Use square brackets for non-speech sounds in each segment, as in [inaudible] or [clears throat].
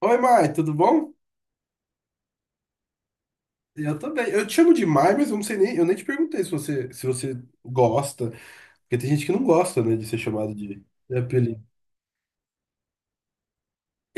Oi, Mai, tudo bom? Eu também. Eu te chamo de Mai, mas eu nem te perguntei se você gosta, porque tem gente que não gosta, né, de ser chamado de apelido.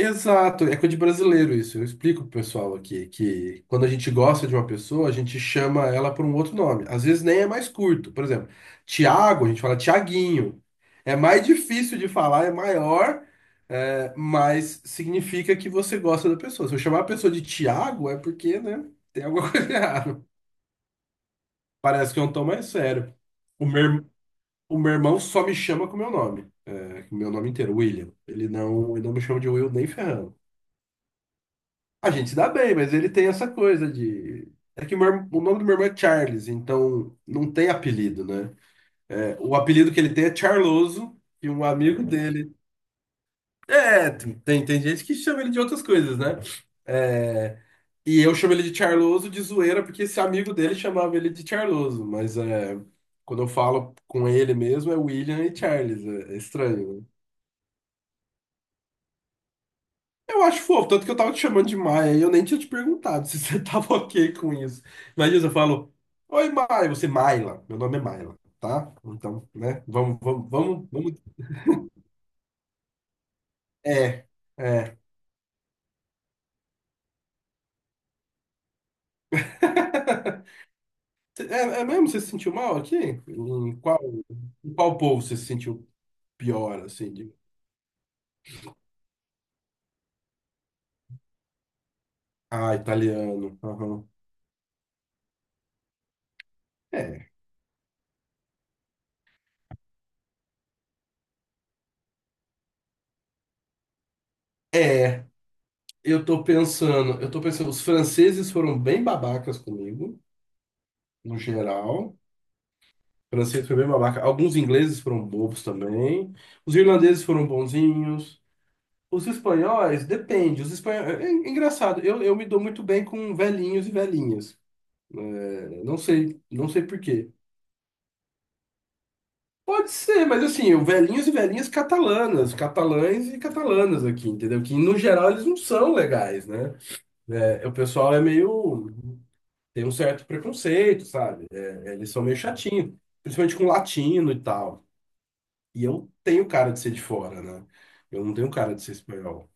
Exato, é coisa de brasileiro isso. Eu explico pro pessoal aqui que quando a gente gosta de uma pessoa, a gente chama ela por um outro nome. Às vezes nem é mais curto. Por exemplo, Tiago, a gente fala Tiaguinho. É mais difícil de falar, é maior, é, mas significa que você gosta da pessoa. Se eu chamar a pessoa de Tiago, é porque, né, tem alguma [laughs] coisa errada. Parece que é um tom mais sério. O meu, ir- o meu irmão só me chama com o meu nome. É, com o meu nome inteiro, William. Ele não me chama de Will nem ferrando. A gente se dá bem, mas ele tem essa coisa de. É que o, o nome do meu irmão é Charles, então não tem apelido, né? É, o apelido que ele tem é Charloso, e um amigo dele é, tem gente que chama ele de outras coisas, né? É, e eu chamo ele de Charloso de zoeira, porque esse amigo dele chamava ele de Charloso, mas é, quando eu falo com ele mesmo é William e Charles, é, é estranho, né? Eu acho fofo, tanto que eu tava te chamando de Maia e eu nem tinha te perguntado se você [laughs] tava ok com isso. Mas isso eu falo, Oi, Maia, você Maila, meu nome é Maila, tá? Então, né, vamos, vamos, vamos, vamos. É, é. É, é mesmo? Você se sentiu mal aqui? Em qual, em qual povo você se sentiu pior, assim? Ah, italiano. Aham. É. É, eu tô pensando, os franceses foram bem babacas comigo, no geral. O francês foi bem babaca. Alguns ingleses foram bobos também. Os irlandeses foram bonzinhos. Os espanhóis, depende. Os espanhóis, é, é engraçado, eu me dou muito bem com velhinhos e velhinhas. É, não sei por quê. Pode ser, mas assim, o velhinhos e velhinhas catalanas, catalães e catalanas aqui, entendeu? Que no geral eles não são legais, né? É, o pessoal é meio. Tem um certo preconceito, sabe? É, eles são meio chatinhos, principalmente com latino e tal. E eu tenho cara de ser de fora, né? Eu não tenho cara de ser espanhol.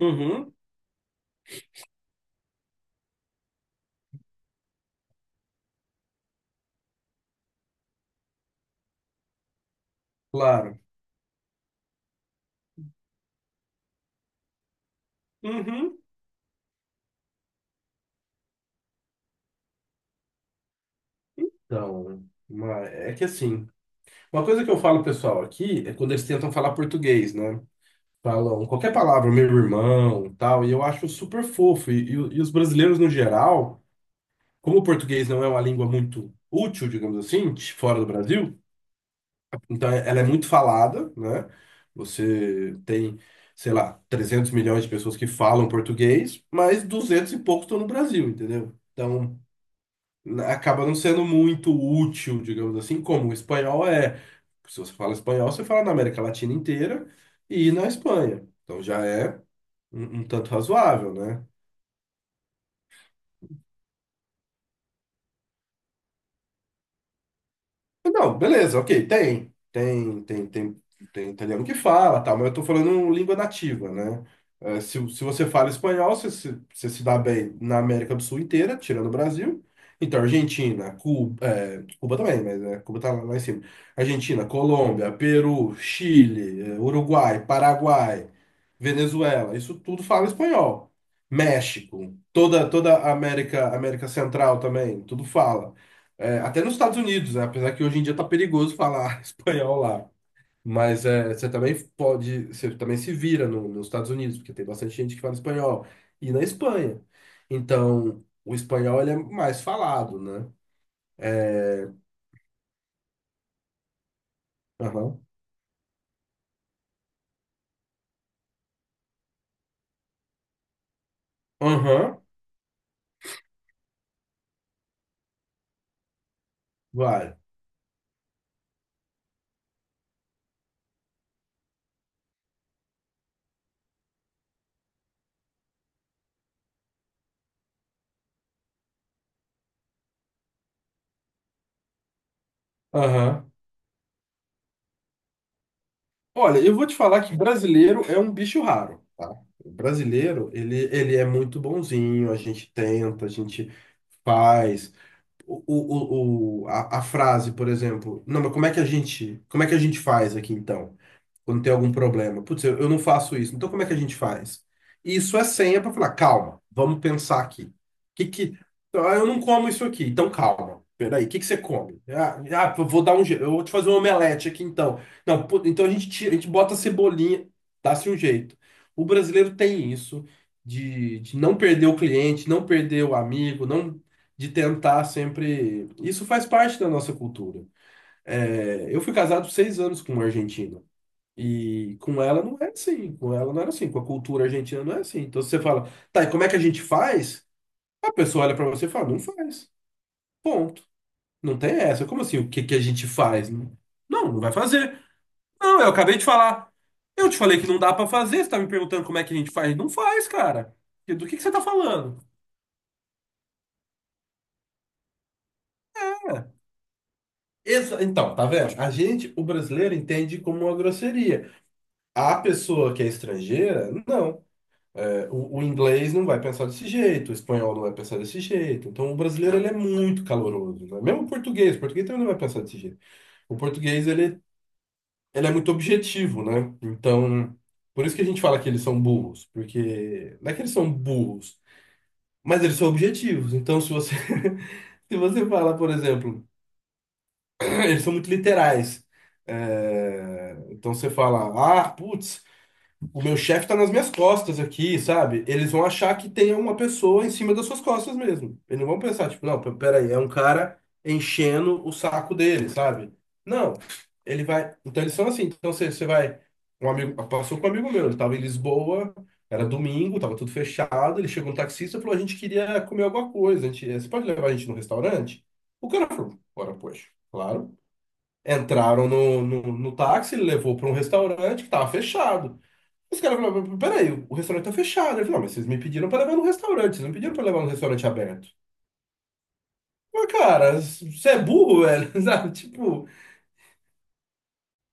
Uhum, claro. Uhum. Então, é que assim, uma coisa que eu falo pessoal aqui é quando eles tentam falar português, né? Falam qualquer palavra, meu irmão, tal, e eu acho super fofo. E os brasileiros, no geral, como o português não é uma língua muito útil, digamos assim, fora do Brasil, então ela é muito falada, né? Você tem, sei lá, 300 milhões de pessoas que falam português, mas 200 e poucos estão no Brasil, entendeu? Então, acaba não sendo muito útil, digamos assim, como o espanhol é. Se você fala espanhol, você fala na América Latina inteira e na Espanha. Então já é um tanto razoável, né? Não, beleza, ok, tem. Tem italiano que fala, tal, mas eu tô falando língua nativa, né? É, se você fala espanhol, você, você se dá bem na América do Sul inteira, tirando o Brasil. Então, Argentina, Cuba, é, Cuba também, mas é, Cuba tá lá em cima. Argentina, Colômbia, Peru, Chile, é, Uruguai, Paraguai, Venezuela, isso tudo fala espanhol. México, toda, toda a América, América Central também, tudo fala. É, até nos Estados Unidos, né? Apesar que hoje em dia tá perigoso falar [laughs] espanhol lá. Mas é, você também pode, você também se vira nos Estados Unidos, porque tem bastante gente que fala espanhol. E na Espanha. Então, o espanhol ele é mais falado, né? É, aham, aham, vai, aham. Olha, eu vou te falar que brasileiro é um bicho raro, tá? O brasileiro, ele é muito bonzinho, a gente tenta, a gente faz. A frase, por exemplo, não, mas como é que a gente faz aqui então? Quando tem algum problema. Putz, eu não faço isso. Então, como é que a gente faz? E isso é senha para falar, calma, vamos pensar aqui. Que... Então, ah, eu não como isso aqui, então calma. Peraí, o que que você come? Ah, ah, eu vou dar um jeito, eu vou te fazer um omelete aqui então. Não, pô, então a gente, a gente bota a cebolinha, dá-se um jeito. O brasileiro tem isso de não perder o cliente, não perder o amigo, não de tentar sempre. Isso faz parte da nossa cultura. É, eu fui casado 6 anos com um argentino. E com ela não é assim, com ela não era assim, com a cultura argentina não é assim. Então você fala, tá, e como é que a gente faz? A pessoa olha pra você e fala, não faz. Ponto. Não tem essa. Como assim? O que que a gente faz? Não, não vai fazer. Não, eu acabei de falar. Eu te falei que não dá pra fazer, você tá me perguntando como é que a gente faz? Não faz, cara. E do que você tá falando? Então, tá vendo? A gente, o brasileiro, entende como uma grosseria. A pessoa que é estrangeira, não. O inglês não vai pensar desse jeito, o espanhol não vai pensar desse jeito. Então, o brasileiro ele é muito caloroso, né? Mesmo o português também não vai pensar desse jeito. O português ele, ele é muito objetivo, né? Então, por isso que a gente fala que eles são burros, porque não é que eles são burros, mas eles são objetivos. Então, se você [laughs] se você fala, por exemplo, [clears throat] eles são muito literais. É, então você fala, ah, putz. O meu chefe tá nas minhas costas aqui, sabe? Eles vão achar que tem uma pessoa em cima das suas costas mesmo. Eles não vão pensar, tipo, não, peraí, é um cara enchendo o saco dele, sabe? Não. Ele vai. Então eles são assim. Então você, você vai. Um amigo. Passou com um amigo meu, ele tava em Lisboa, era domingo, tava tudo fechado. Ele chegou um taxista e falou: a gente queria comer alguma coisa. A gente, você pode levar a gente no restaurante? O cara falou: bora, poxa, claro. Entraram no táxi, ele levou para um restaurante que tava fechado. Os caras falaram, peraí, o restaurante tá fechado. Ele falou, não, mas vocês me pediram pra levar no restaurante, vocês não pediram pra levar no restaurante aberto. Mas, cara, você é burro, velho, [laughs] sabe? Tipo,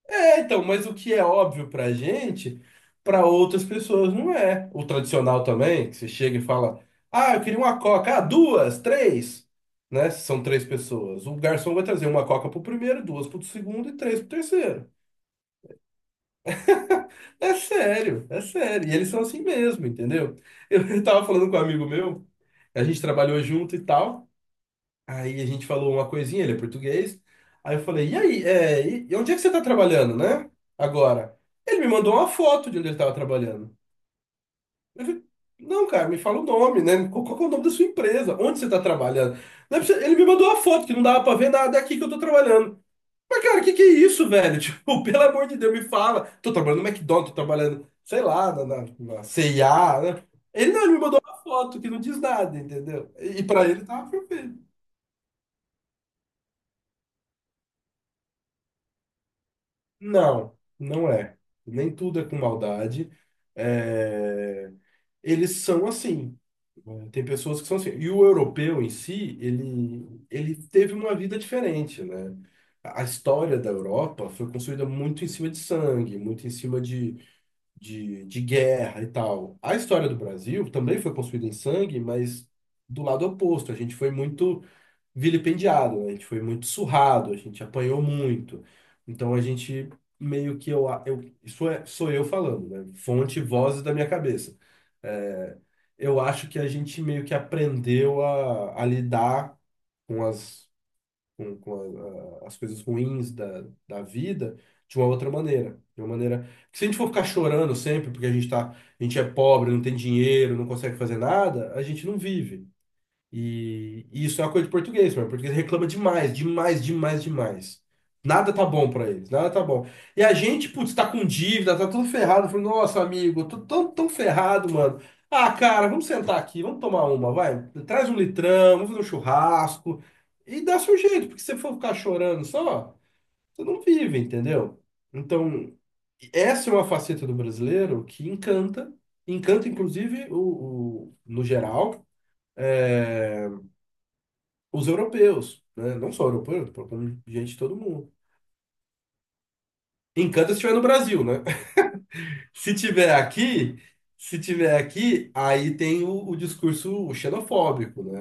é, então, mas o que é óbvio pra gente, pra outras pessoas não é. O tradicional também, que você chega e fala, ah, eu queria uma coca, ah, duas, três, né? São três pessoas. O garçom vai trazer uma coca pro primeiro, duas pro segundo e três pro terceiro. É sério, é sério. E eles são assim mesmo, entendeu? Eu [laughs] tava falando com um amigo meu, a gente trabalhou junto e tal. Aí a gente falou uma coisinha, ele é português. Aí eu falei, e aí, é, e onde é que você tá trabalhando, né? Agora. Ele me mandou uma foto de onde ele tava trabalhando. Eu falei, não, cara, me fala o nome, né? Qual que é o nome da sua empresa? Onde você tá trabalhando? Não é possível- Ele me mandou uma foto que não dava pra ver nada, é aqui que eu tô trabalhando. Mas, cara, o que que é isso, velho? [laughs] Tipo, pelo amor de Deus, me fala. Tô trabalhando no McDonald's, tô trabalhando, sei lá, na C&A, né? Ele não, ele me mandou uma foto que não diz nada, entendeu? E pra ele tava perfeito. Não, não é. Nem tudo é com maldade. É, eles são assim. Né? Tem pessoas que são assim. E o europeu em si, ele teve uma vida diferente, né? A história da Europa foi construída muito em cima de sangue, muito em cima de de guerra e tal. A história do Brasil também foi construída em sangue, mas do lado oposto. A gente foi muito vilipendiado, a gente foi muito surrado, a gente apanhou muito. Então a gente meio que eu isso é, sou eu falando, né? Fonte, vozes da minha cabeça. É, eu acho que a gente meio que aprendeu a lidar com as com as coisas ruins da vida de uma outra maneira. De uma maneira. Porque se a gente for ficar chorando sempre, porque a gente tá, a gente é pobre, não tem dinheiro, não consegue fazer nada, a gente não vive. E isso é uma coisa de português, mano. O português reclama demais, demais, demais, demais. Nada tá bom pra eles, nada tá bom. E a gente, putz, tá com dívida, tá tudo ferrado. Falei, nossa, amigo, eu tô tão, tão ferrado, mano. Ah, cara, vamos sentar aqui, vamos tomar uma, vai. Traz um litrão, vamos fazer um churrasco. E dá seu jeito, porque se você for ficar chorando só, você não vive, entendeu? Então, essa é uma faceta do brasileiro que encanta, encanta inclusive no geral. É. Os europeus, né? Não só europeus, tô falando de gente de todo mundo. Encanto se estiver no Brasil, né? [laughs] Se tiver aqui, se tiver aqui, aí tem o discurso xenofóbico, né?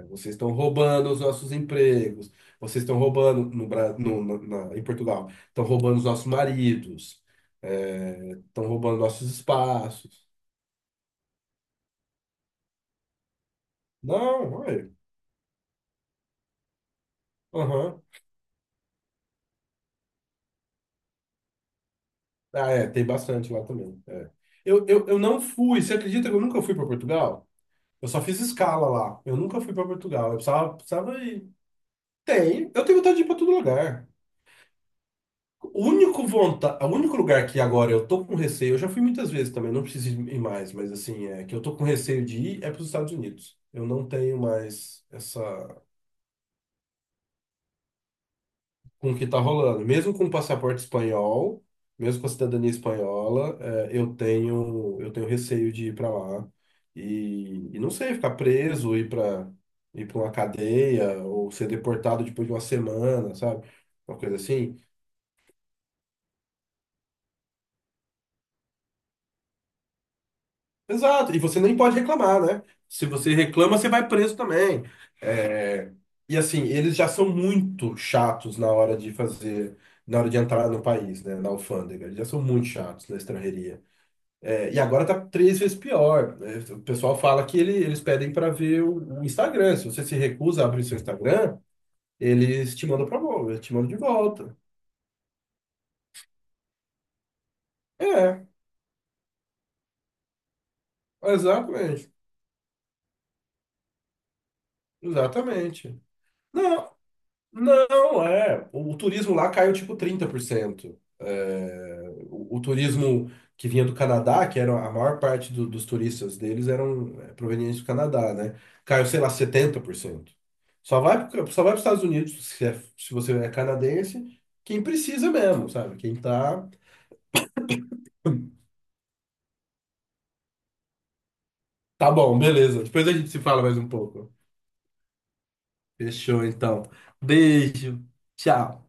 É, vocês estão roubando os nossos empregos, vocês estão roubando no, Bra- no, na, na- em Portugal, estão roubando os nossos maridos, é, estão roubando nossos espaços. Não, olha. Aham. Ah, é, tem bastante lá também. É. Eu não fui, você acredita que eu nunca fui para Portugal? Eu só fiz escala lá. Eu nunca fui para Portugal. Eu precisava ir. Tem. Eu tenho vontade de ir para todo lugar. O único lugar que agora eu tô com receio, eu já fui muitas vezes também, não preciso ir mais, mas assim, é que eu tô com receio de ir é para os Estados Unidos. Eu não tenho mais essa com o que está rolando. Mesmo com o passaporte espanhol, mesmo com a cidadania espanhola, é, eu tenho receio de ir para lá e não sei, ficar preso, ir para uma cadeia ou ser deportado depois de uma semana, sabe? Uma coisa assim. Exato. E você nem pode reclamar, né? Se você reclama, você vai preso também. É, e assim, eles já são muito chatos na hora de fazer, na hora de entrar no país, né? Na alfândega. Eles já são muito chatos na estrangeria. É, e agora tá 3 vezes pior. É, o pessoal fala que eles pedem para ver o Instagram. Se você se recusa a abrir seu Instagram, eles te mandam para volta, te mandam de volta. É, exatamente, exatamente. Não, não, é. O turismo lá caiu tipo 30%. É, o turismo que vinha do Canadá, que era a maior parte dos turistas deles eram é, provenientes do Canadá, né? Caiu, sei lá, 70%. Só vai, só vai para os Estados Unidos se, se você é canadense, quem precisa mesmo, sabe? Quem tá. Tá bom, beleza. Depois a gente se fala mais um pouco. Fechou, então. Beijo. Tchau.